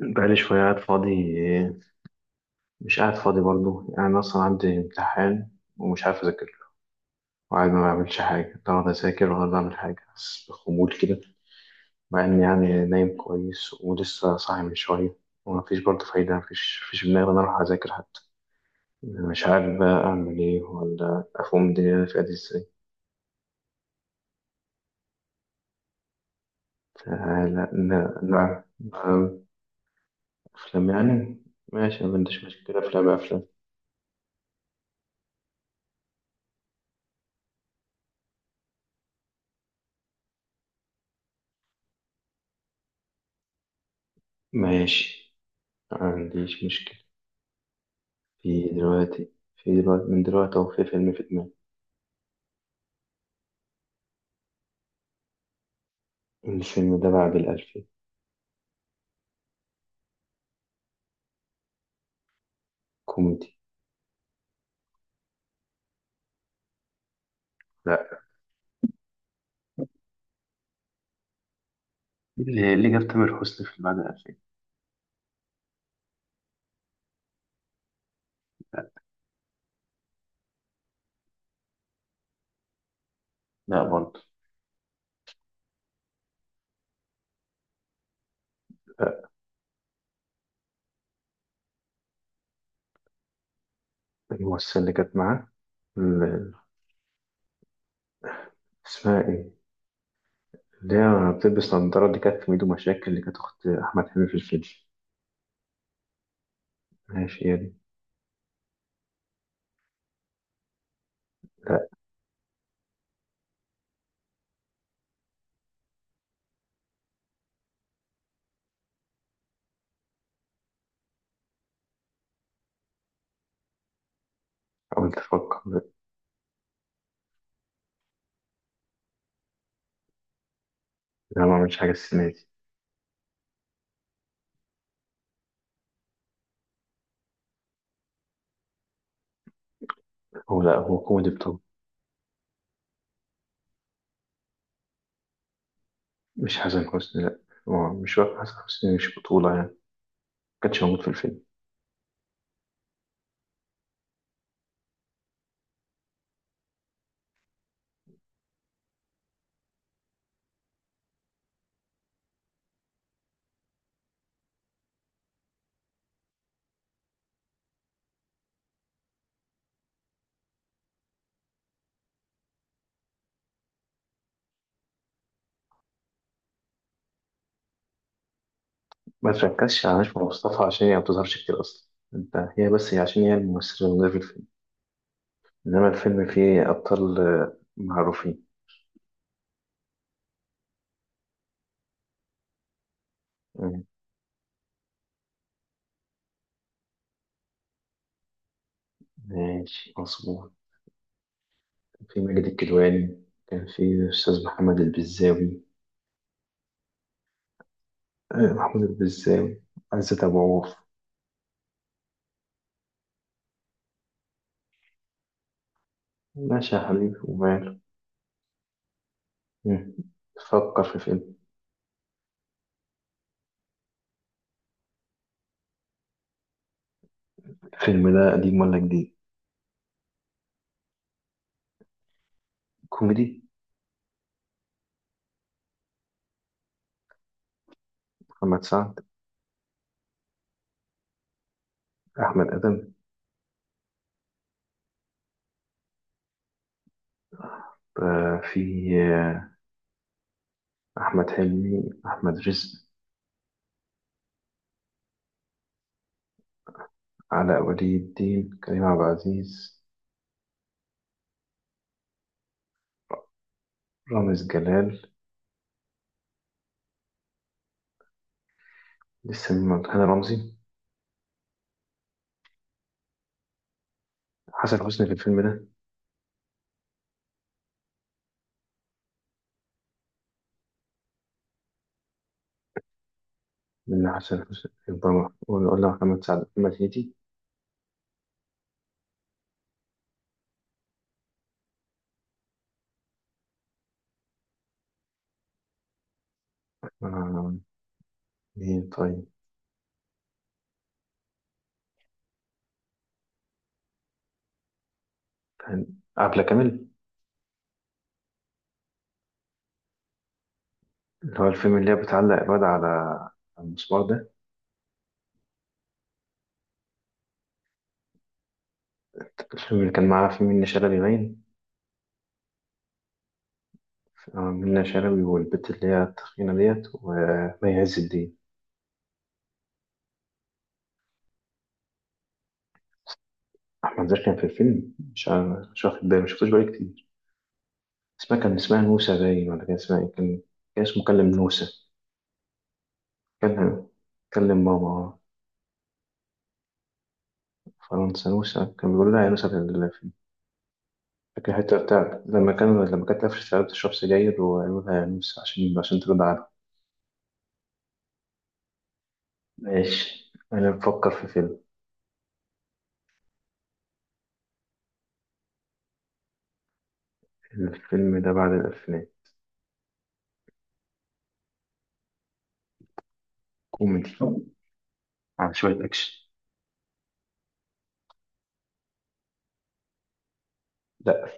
بقالي شوية قاعد فاضي. مش قاعد فاضي برضو يعني أنا أصلا عندي امتحان ومش عارف أذاكر له، وقاعد ما بعملش حاجة لا ولا أذاكر ولا بعمل حاجة بس بخمول كده. مع إني يعني نايم كويس ولسه صاحي من شوية. ومفيش برضه فايدة، مفيش في دماغي إن أنا أروح أذاكر حتى. يعني مش عارف بقى أعمل إيه ولا أفهم الدنيا اللي أنا فيها دي إزاي. فلا، لا. لا، لا. أفلام يعني؟ ماشي، ما عنديش مشكلة، أفلام أفلام. ماشي، ما عنديش مشكلة. في دلوقتي في دلوقتي من دلوقتي أهو في فيلم في دماغي. الفيلم ده بعد الألفين. كوميدي. لا. اللي جاب تامر حسني في بعد الألفين؟ لا برضه. لا. الممثلة اللي كانت معاه، ال- اسمها إيه؟ اللي هي بتلبس نضارة، اللي كانت في ميدو مشاكل، اللي كانت أخت أحمد حلمي في الفيلم. ماشي، هي دي. لا. حاولت أفكر، لا. لا، ما عملتش حاجة السنة دي. هو لا، هو كوميدي بطولة. مش حسن حسني، لا. هو مش واقع حسن حسني، مش بطولة يعني ما كانش موجود في الفيلم. ما تركزش على نجم مصطفى عشان هي ما بتظهرش كتير أصلا أنت، هي بس، هي عشان هي الممثلة اللي موجودة في الفيلم. إنما الفيلم فيه أبطال آه، معروفين. مم. ماشي، مظبوط. في ماجد الكدواني، كان في الأستاذ محمد البزاوي. آه، محمود البزاوي، عزت أبو عوف. ماشي يا حبيبي، وماله. مم. فكر في فيلم. الفيلم ده قديم ولا جديد؟ كوميدي. محمد سعد؟ أحمد آدم؟ آه، في. آه، أحمد حلمي، أحمد رزق. علاء ولي الدين، كريم عبد العزيز. رامز جلال. لسه، من هاني رمزي. حسن حسني في الفيلم ده؟ من حسن حسني يبقى، ولا محمد سعد، محمد هنيدي. آه، مين طيب؟ كان. عبلة كامل. اللي هو الفيلم اللي هي بتعلق الواد على المسمار ده. الفيلم اللي كان معاه فيه منة شلبي باين. آه، منة شلبي والبت اللي هي التخينة ديت، ومي عز الدين. أحمد زكي كان في الفيلم، مش واخد بالي، مشفتوش بقالي كتير. اسمها كان اسمها نوسة باين، ولا كان اسمها إيه؟ كان اسمه كلم نوسة. كلم كلم ماما. فرنسا نوسة، كان بيقول لها يا نوسة فاكر الحتة بتاعت لما كانت قفشت عليها بتشرب سجاير وقالوا لها يا نوسة عشان ترد عنها. ماشي، أنا بفكر في فيلم. الفيلم ده بعد الأفلام. كوميدي، على شوية أكشن. لا.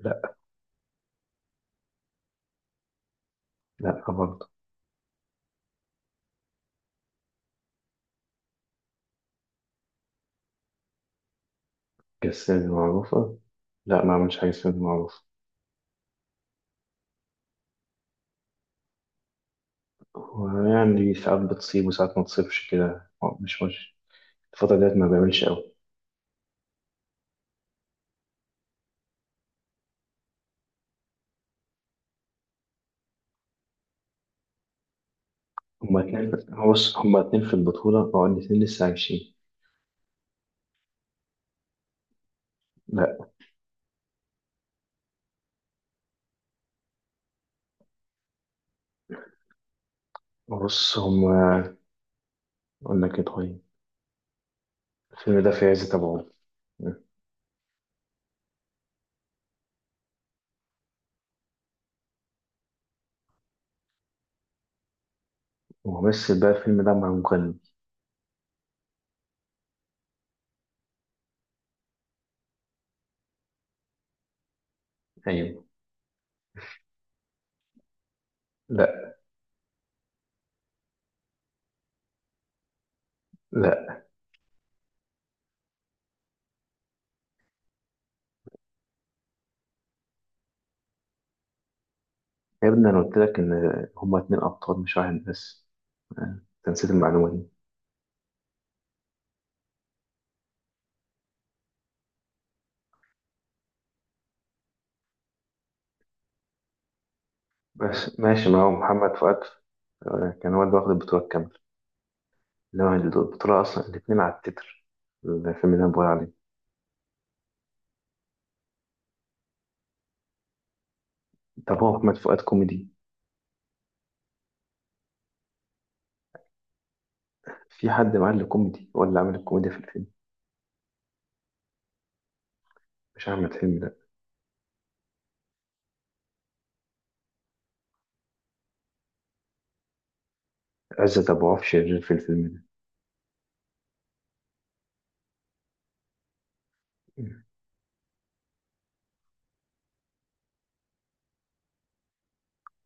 لا. لا برضه. كالسينما معروفة؟ لا، ما عملش حاجة سينما معروفة. ويعني ساعات بتصيب وساعات ما تصيبش كده. مش الفترة ديت ما بيعملش أوي. هما اتنين، هو بص، هما اتنين في البطولة، بقوا الاتنين لسه عايشين. لا. بص هما، أقول لك إيه طيب. الفيلم ده في عز تبعه. وممثل بقى الفيلم ده مع مغني. أيوه. لا. لا يا ابني، أنا قلت لك إن هما اتنين أبطال، مش واحد بس. أنت نسيت المعلومة دي. بس ماشي، ما هو محمد فؤاد آه، كان هو اللي واخد البطولة الكاملة، إنما البطولة أصلا الاتنين على التتر، الفيلم اللي أنا بقول عليه. طب هو محمد فؤاد كوميدي؟ في حد معاه اللي كوميدي، هو اللي عامل الكوميديا في الفيلم. مش أحمد حلمي. عزت أبو عوف شرير في الفيلم ده. مم.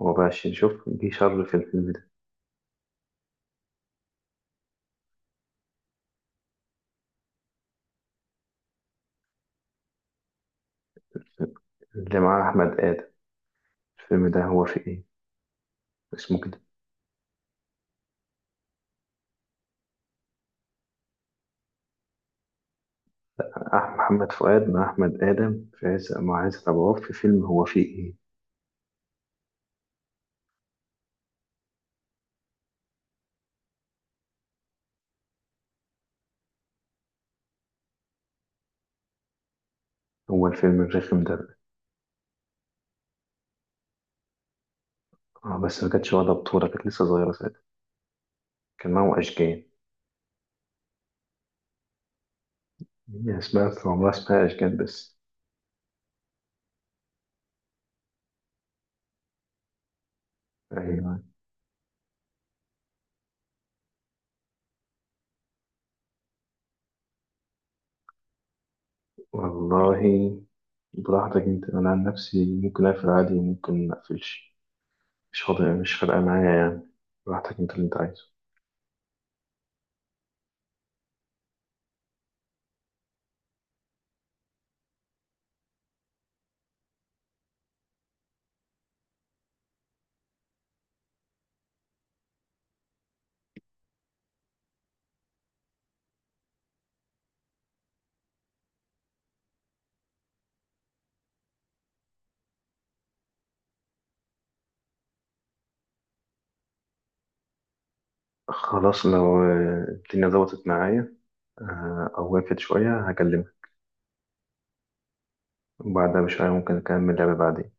هو بقى شرير، شوف جه شر في الفيلم ده. اللي معاه أحمد آدم. الفيلم ده هو في إيه، اسمه كده؟ محمد فؤاد مع أحمد آدم في عز مع عزت أبو عوف في فيلم، هو في إيه؟ هو الفيلم الرخم ده بقى. آه، بس ما كانتش واخدة بطولة، كانت لسه صغيرة ساعتها. كان معاهم أشجان. هي اسمها كان عمرها اسمها أشجان بس. أيوة. والله براحتك أنت، أنا عن نفسي ممكن أقفل عادي وممكن مقفلش، مش فاضي، مش فارقة معايا يعني. براحتك، أنت اللي أنت عايزه. خلاص، لو آه، الدنيا ظبطت معايا آه، او وقفت شوية هكلمك، وبعدها بشوية ممكن أكمل لعبة بعدين.